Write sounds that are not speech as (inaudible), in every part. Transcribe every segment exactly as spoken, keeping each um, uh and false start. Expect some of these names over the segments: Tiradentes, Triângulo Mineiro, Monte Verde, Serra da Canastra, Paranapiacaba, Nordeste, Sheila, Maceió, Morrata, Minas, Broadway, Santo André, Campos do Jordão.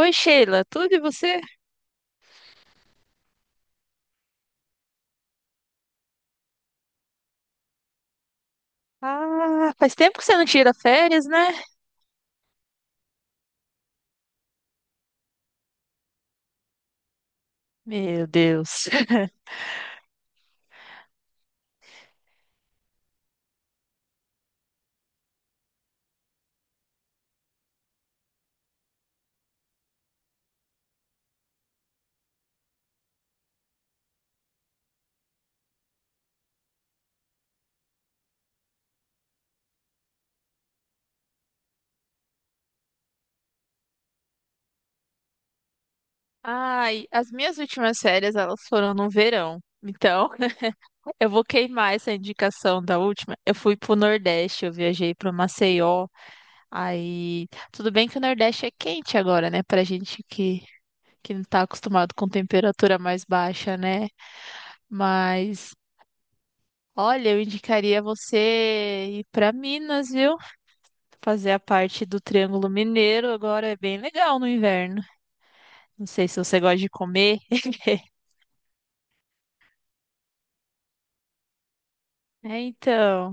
Oi, Sheila, tudo e você? Ah, faz tempo que você não tira férias, né? Meu Deus. (laughs) Ai, as minhas últimas férias, elas foram no verão. Então, (laughs) eu vou queimar essa indicação da última. Eu fui pro Nordeste, eu viajei pro Maceió. Aí, tudo bem que o Nordeste é quente agora, né? Pra gente que, que não tá acostumado com temperatura mais baixa, né? Mas, olha, eu indicaria você ir pra Minas, viu? Fazer a parte do Triângulo Mineiro agora é bem legal no inverno. Não sei se você gosta de comer. (laughs) É, então,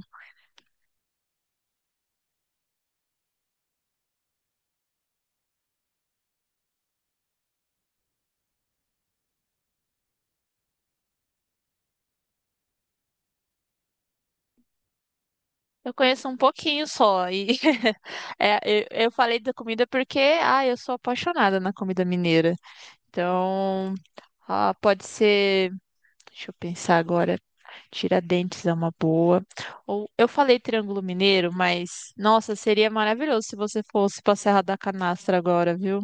eu conheço um pouquinho só. E (laughs) é, eu, eu falei da comida porque, ah, eu sou apaixonada na comida mineira. Então, ah, pode ser, deixa eu pensar agora, Tiradentes é uma boa. Ou eu falei Triângulo Mineiro, mas nossa, seria maravilhoso se você fosse pra Serra da Canastra agora, viu?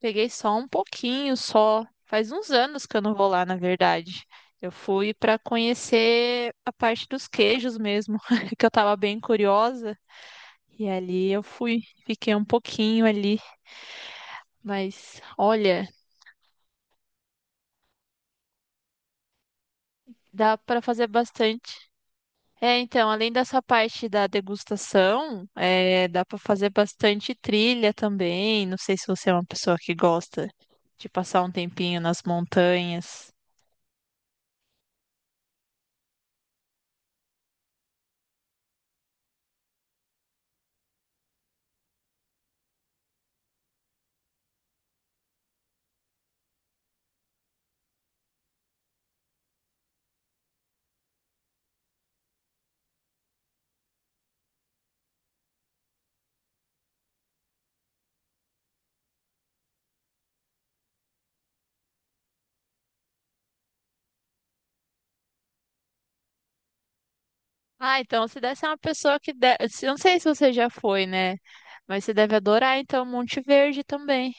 Peguei só um pouquinho, só. Faz uns anos que eu não vou lá, na verdade. Eu fui para conhecer a parte dos queijos mesmo, (laughs) que eu tava bem curiosa. E ali eu fui, fiquei um pouquinho ali, mas olha, dá para fazer bastante. É, então, além dessa parte da degustação, é, dá para fazer bastante trilha também. Não sei se você é uma pessoa que gosta de passar um tempinho nas montanhas. Ah, então se desse é uma pessoa que de... Eu não sei se você já foi, né? Mas você deve adorar, então, Monte Verde também.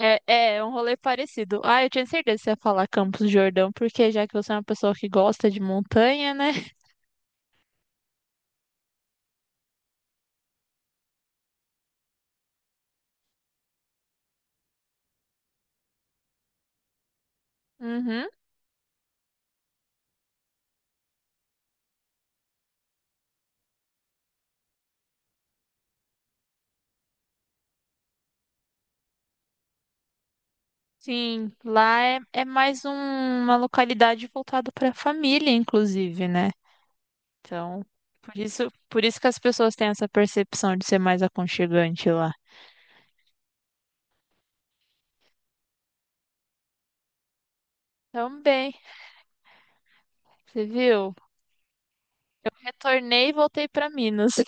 É, é é um rolê parecido. Ah, eu tinha certeza que você ia falar Campos do Jordão, porque já que você é uma pessoa que gosta de montanha, né? (laughs) Uhum. Sim, lá é, é mais um- uma localidade voltada para a família, inclusive, né? Então, por isso, por isso que as pessoas têm essa percepção de ser mais aconchegante lá. Também, você viu? Retornei e voltei para Minas.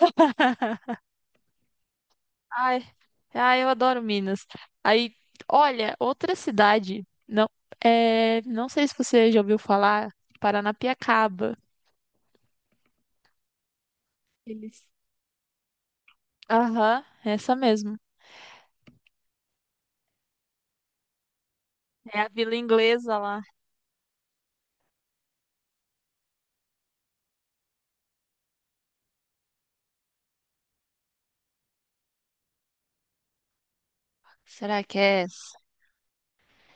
Ai, ai, eu adoro Minas. Aí, olha, outra cidade, não, é, não sei se você já ouviu falar, Paranapiacaba. Eles. Aham, essa mesmo. É a vila inglesa lá. Será que é essa?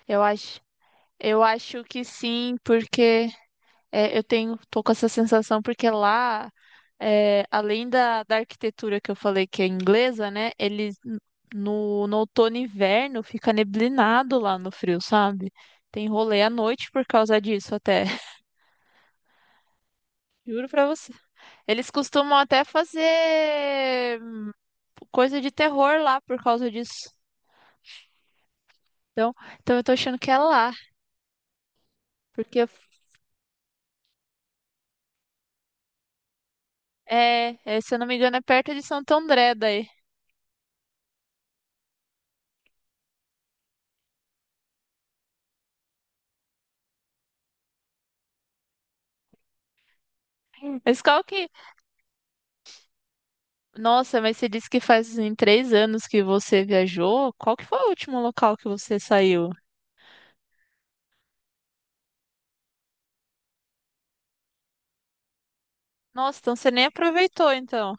Eu acho, eu acho que sim, porque É, eu tenho, tô com essa sensação porque lá, é, além da, da arquitetura que eu falei que é inglesa, né? Eles n- no, no outono e inverno fica neblinado lá no frio, sabe? Tem rolê à noite por causa disso até. (laughs) Juro pra você. Eles costumam até fazer hum, coisa de terror lá por causa disso. Então, então eu tô achando que é lá, porque é, é, se eu não me engano, é perto de Santo André daí. Mas qual que Nossa, mas você disse que faz em três anos que você viajou. Qual que foi o último local que você saiu? Nossa, então você nem aproveitou, então.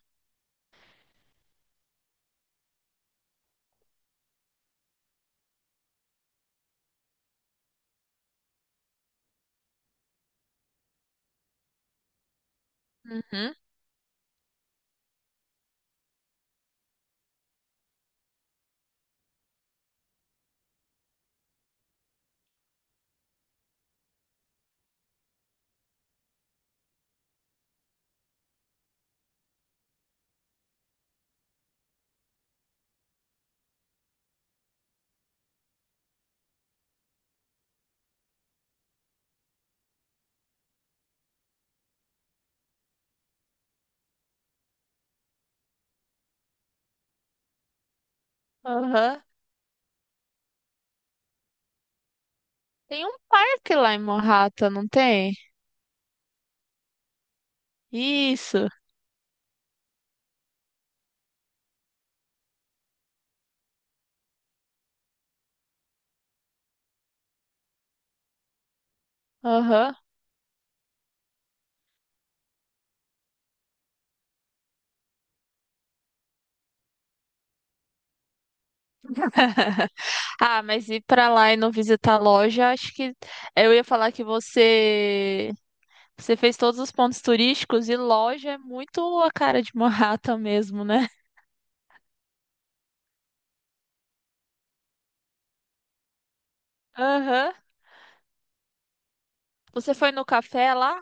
Uhum. Aham. Tem um parque lá em Morrata, não tem? Isso. Aham. (laughs) Ah, mas ir pra lá e não visitar a loja, acho que eu ia falar que você você fez todos os pontos turísticos e loja é muito a cara de Morrata mesmo, né? Aham. Você foi no café lá?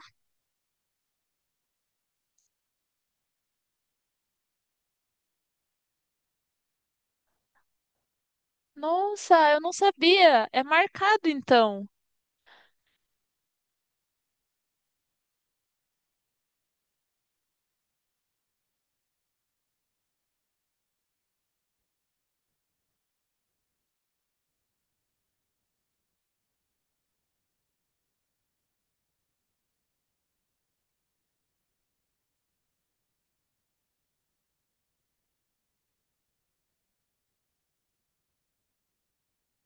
Nossa, eu não sabia. É marcado então.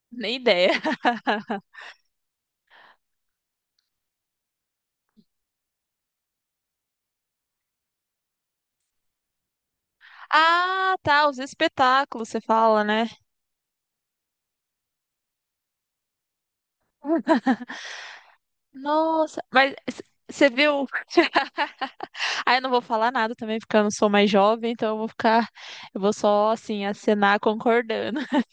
Nem ideia. (laughs) Ah, tá, os espetáculos, você fala, né? (laughs) Nossa, mas c- você viu? Ah, eu não vou falar nada também, porque eu não sou mais jovem, então eu vou ficar, eu vou só assim acenar concordando. (laughs)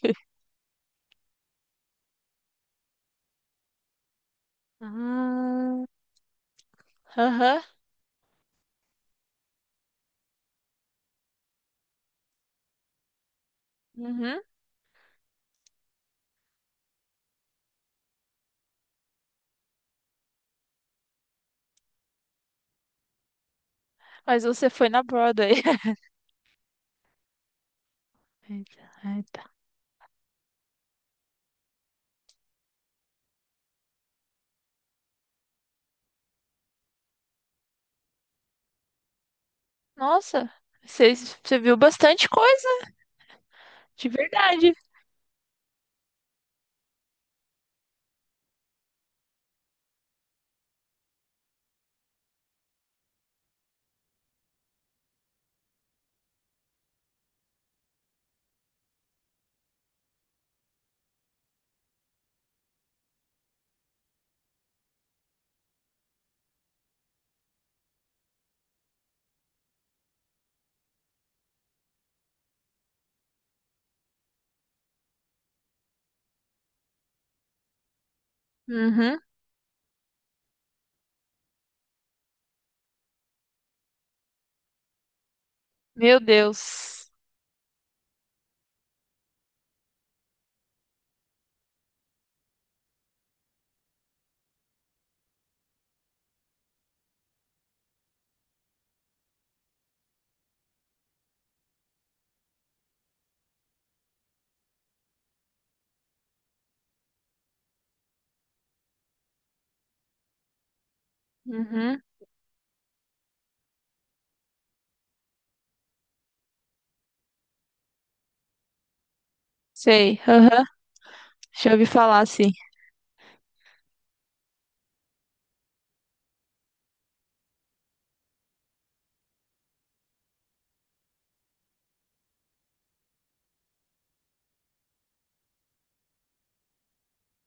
Ah, Aham. Uhum. Mas você foi na Broadway. (laughs) Eita, eita. Nossa, você, você viu bastante coisa, de verdade. Uhum. Meu Deus. Uhum. Sei. Aham. Já ouvi falar assim.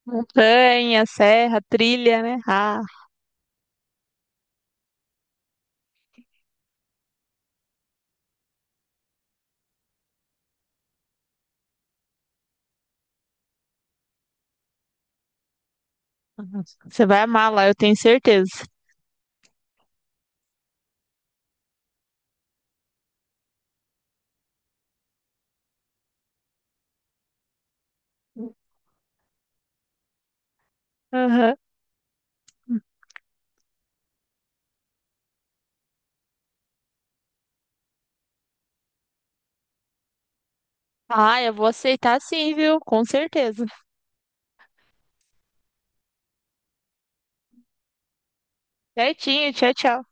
Montanha, serra, trilha, né? Ah, você vai amar lá, eu tenho certeza. Aham. Ah, eu vou aceitar sim, viu? Com certeza. Certinho, tchau, tchau.